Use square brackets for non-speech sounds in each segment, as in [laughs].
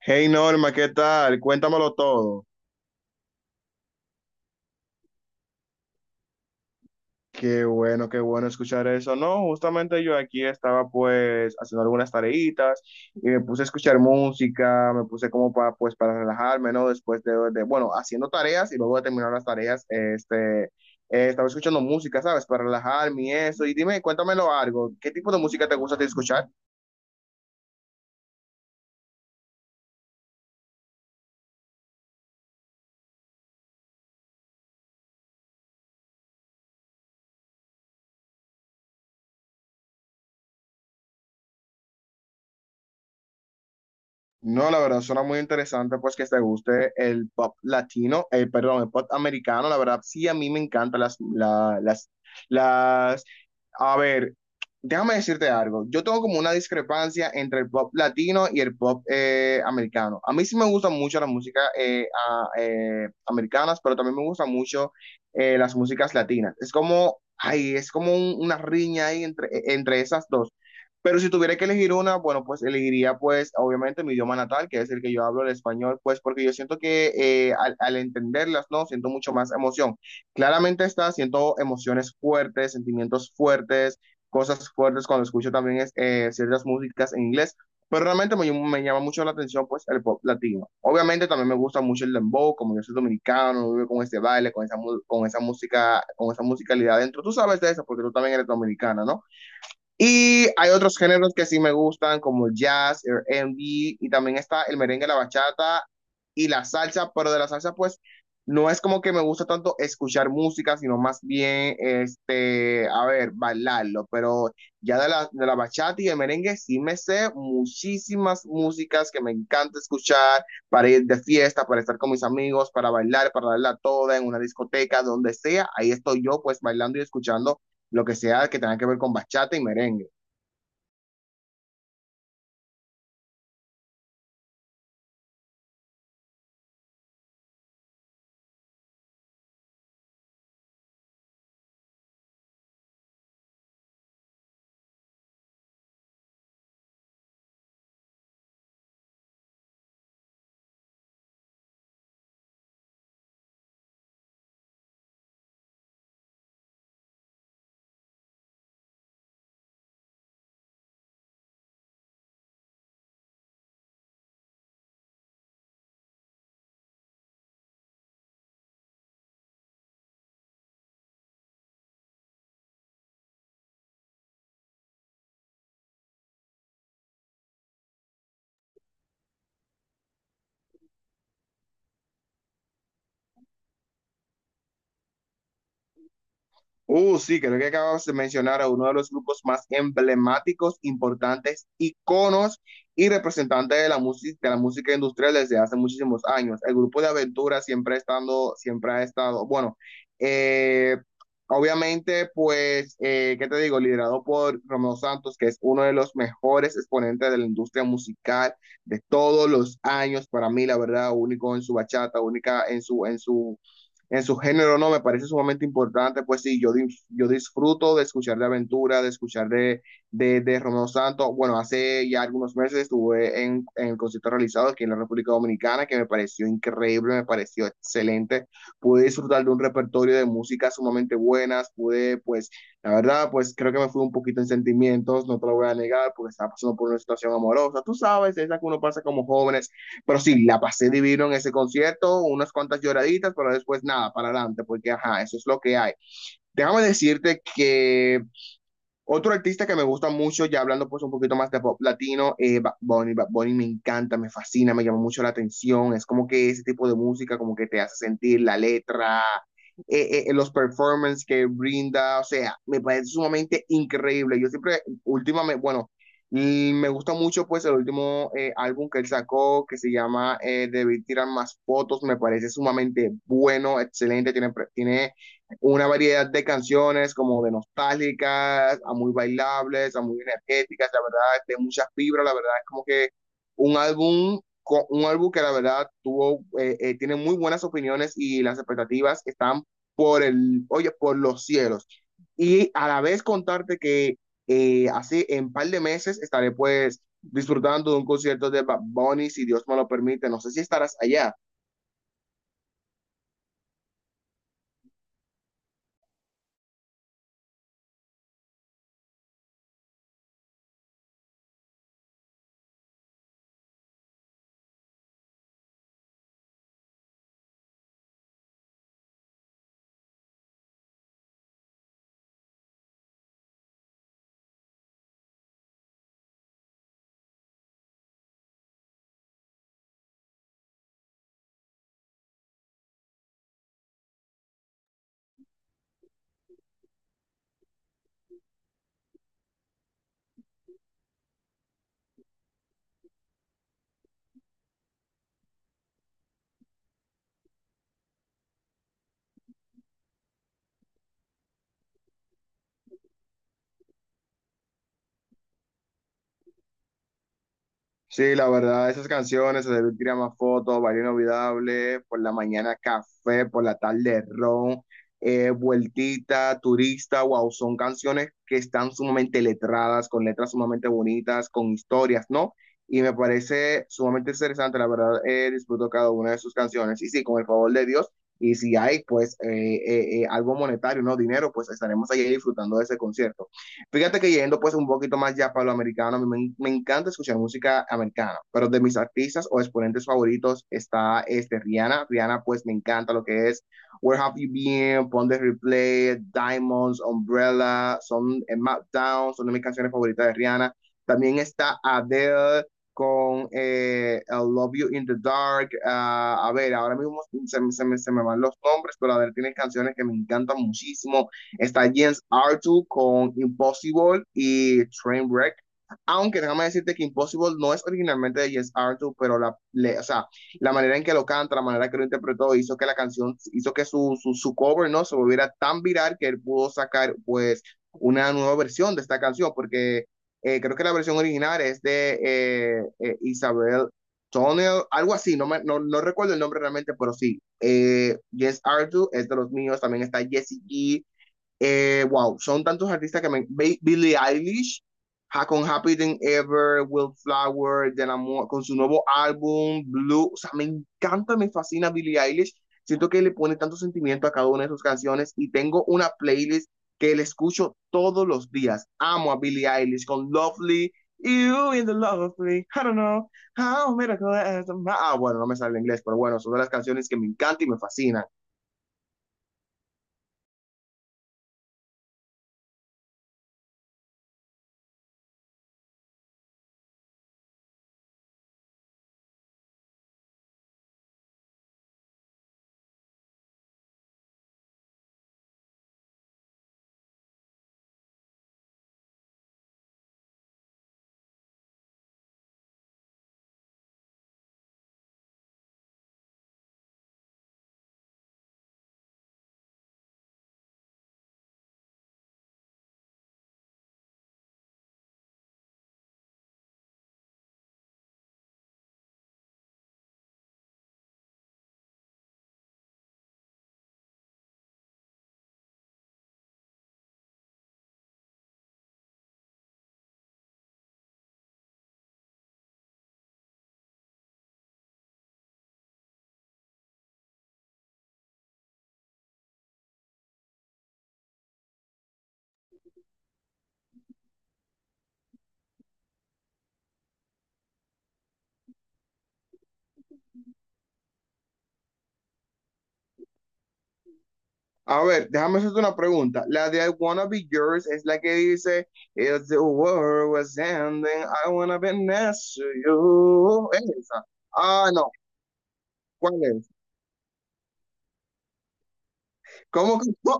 Hey Norma, ¿qué tal? Cuéntamelo todo. Qué bueno escuchar eso. No, justamente yo aquí estaba pues haciendo algunas tareitas y me puse a escuchar música, me puse como para pues para relajarme, ¿no? Después bueno, haciendo tareas y luego de terminar las tareas, estaba escuchando música, ¿sabes? Para relajarme y eso. Y dime, cuéntamelo algo. ¿Qué tipo de música te gusta a ti escuchar? No, la verdad, suena muy interesante, pues que te guste el pop latino, perdón, el pop americano, la verdad, sí, a mí me encantan las, a ver, déjame decirte algo, yo tengo como una discrepancia entre el pop latino y el pop americano. A mí sí me gustan mucho las músicas americanas, pero también me gustan mucho las músicas latinas. Es como, ay, es como una riña ahí entre, entre esas dos. Pero si tuviera que elegir una, bueno, pues elegiría pues obviamente mi idioma natal, que es el que yo hablo, el español, pues porque yo siento que al entenderlas, ¿no? Siento mucho más emoción. Claramente está, siento emociones fuertes, sentimientos fuertes, cosas fuertes cuando escucho también es, ciertas músicas en inglés, pero realmente me llama mucho la atención pues el pop latino. Obviamente también me gusta mucho el dembow, como yo soy dominicano, vivo con este baile, con esa música, con esa musicalidad dentro. Tú sabes de eso porque tú también eres dominicana, ¿no? Y hay otros géneros que sí me gustan, como el jazz, el R&B, y también está el merengue, la bachata y la salsa, pero de la salsa, pues, no es como que me gusta tanto escuchar música, sino más bien, este, a ver, bailarlo, pero ya de la bachata y el merengue sí me sé muchísimas músicas que me encanta escuchar para ir de fiesta, para estar con mis amigos, para bailar, para darla toda en una discoteca, donde sea, ahí estoy yo, pues, bailando y escuchando lo que sea que tenga que ver con bachata y merengue. Sí, creo que acabas de mencionar a uno de los grupos más emblemáticos, importantes, iconos y representantes de la música industrial desde hace muchísimos años. El grupo de Aventura siempre estando, siempre ha estado, eh, obviamente, pues, ¿qué te digo? Liderado por Romeo Santos, que es uno de los mejores exponentes de la industria musical de todos los años, para mí, la verdad, único en su bachata, única en su género, no, me parece sumamente importante, pues sí, yo disfruto de escuchar de Aventura, de escuchar de Romeo Santos, bueno, hace ya algunos meses estuve en el concierto realizado aquí en la República Dominicana, que me pareció increíble, me pareció excelente, pude disfrutar de un repertorio de música sumamente buenas, pude, pues, la verdad, pues creo que me fui un poquito en sentimientos, no te lo voy a negar, porque estaba pasando por una situación amorosa, tú sabes, es la que uno pasa como jóvenes, pero sí, la pasé divino en ese concierto, unas cuantas lloraditas, pero después nada, para adelante, porque ajá, eso es lo que hay. Déjame decirte que otro artista que me gusta mucho, ya hablando pues un poquito más de pop latino, Bad Bunny. Bad Bunny me encanta, me fascina, me llama mucho la atención. Es como que ese tipo de música como que te hace sentir la letra, los performances que brinda, o sea, me parece sumamente increíble. Yo siempre, últimamente, bueno, y me gusta mucho pues el último álbum que él sacó, que se llama Debí tirar más fotos, me parece sumamente bueno, excelente, tiene una variedad de canciones como de nostálgicas, a muy bailables, a muy energéticas, la verdad, de muchas fibras, la verdad es como que un álbum, un álbum que la verdad tiene muy buenas opiniones y las expectativas están oye, por los cielos. Y a la vez contarte que así en un par de meses estaré pues disfrutando de un concierto de Bad Bunny, si Dios me lo permite, no sé si estarás allá. Sí, la verdad, esas canciones, se debe tirar más fotos, baile inolvidable, por la mañana café, por la tarde ron, vueltita, turista, wow, son canciones que están sumamente letradas, con letras sumamente bonitas, con historias, ¿no? Y me parece sumamente interesante, la verdad, disfruto cada una de sus canciones. Y sí, con el favor de Dios, y si hay, pues, algo monetario, ¿no? Dinero, pues estaremos allí disfrutando de ese concierto. Fíjate que yendo pues un poquito más ya para lo americano, a mí me encanta escuchar música americana, pero de mis artistas o exponentes favoritos está este Rihanna. Rihanna pues me encanta lo que es Where Have You Been, Pon de Replay, Diamonds, Umbrella, son en Map Down, son de mis canciones favoritas de Rihanna. También está Adele con I Love You in the Dark. A ver, ahora mismo me van los nombres, pero Adele tiene canciones que me encantan muchísimo. Está James Arthur con Impossible y Trainwreck. Aunque déjame decirte que Impossible no es originalmente de James Arthur, pero o sea, la manera en que lo canta, la manera que lo interpretó, hizo que la canción, hizo que su cover, ¿no? Se volviera tan viral que él pudo sacar, pues, una nueva versión de esta canción, porque creo que la versión original es de Isabel Tonel, algo así, no, no, no recuerdo el nombre realmente, pero sí. Yes Arthur es de los míos, también está Jessie G, wow, son tantos artistas que me... Billie Eilish, con Happy Than Ever, Will Flower, de con su nuevo álbum, Blue. O sea, me encanta, me fascina Billie Eilish. Siento que le pone tanto sentimiento a cada una de sus canciones y tengo una playlist que le escucho todos los días. Amo a Billie Eilish con Lovely, You in the Lovely, I don't know, how miracle is- Ah, bueno, no me sale en inglés, pero bueno, son de las canciones que me encantan y me fascinan. A ver, déjame hacerte una pregunta. La de I Wanna Be Yours es la que dice, If the world was ending, I wanna be next to you. ¿Es esa? Ah, no. ¿Cuál es? ¿Cómo que? ¿No?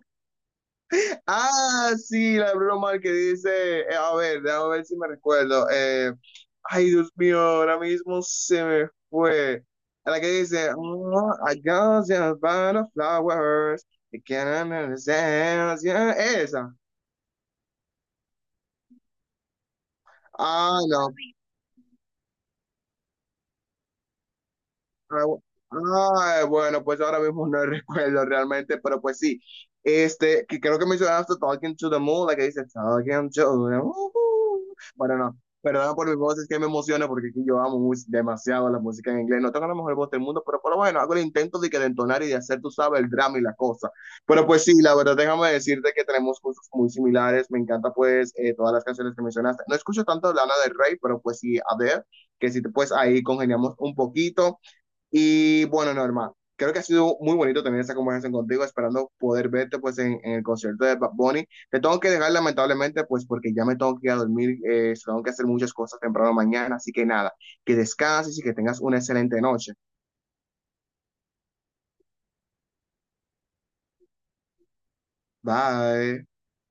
Ah, sí, la de Bruno Mars que dice, a ver, déjame ver si me recuerdo. Ay, Dios mío, ahora mismo se me fue. La que dice, "Oh, I got just by the flowers, you can't understand". Yeah, esa. Ah, no, ah, ah, bueno, pues ahora mismo no [laughs] recuerdo realmente, pero pues sí. Este, que creo que mencionaste Talking to the Moon, la que dice Talking to the Moon. Bueno, no, perdón por mi voz, es que me emociona porque aquí yo amo demasiado la música en inglés. No tengo la mejor voz del mundo, pero bueno, hago el intento de que de entonar y de hacer, tú sabes, el drama y la cosa. Pero pues sí, la verdad, déjame decirte que tenemos gustos muy similares. Me encanta, pues, todas las canciones que mencionaste. No escucho tanto Lana del Rey, pero pues sí, a ver, que si te, pues ahí congeniamos un poquito. Y bueno, Norma, creo que ha sido muy bonito tener esa conversación contigo, esperando poder verte pues en el concierto de Bad Bunny. Te tengo que dejar lamentablemente pues porque ya me tengo que ir a dormir, tengo que hacer muchas cosas temprano mañana, así que nada, que descanses y que tengas una excelente noche. Bye.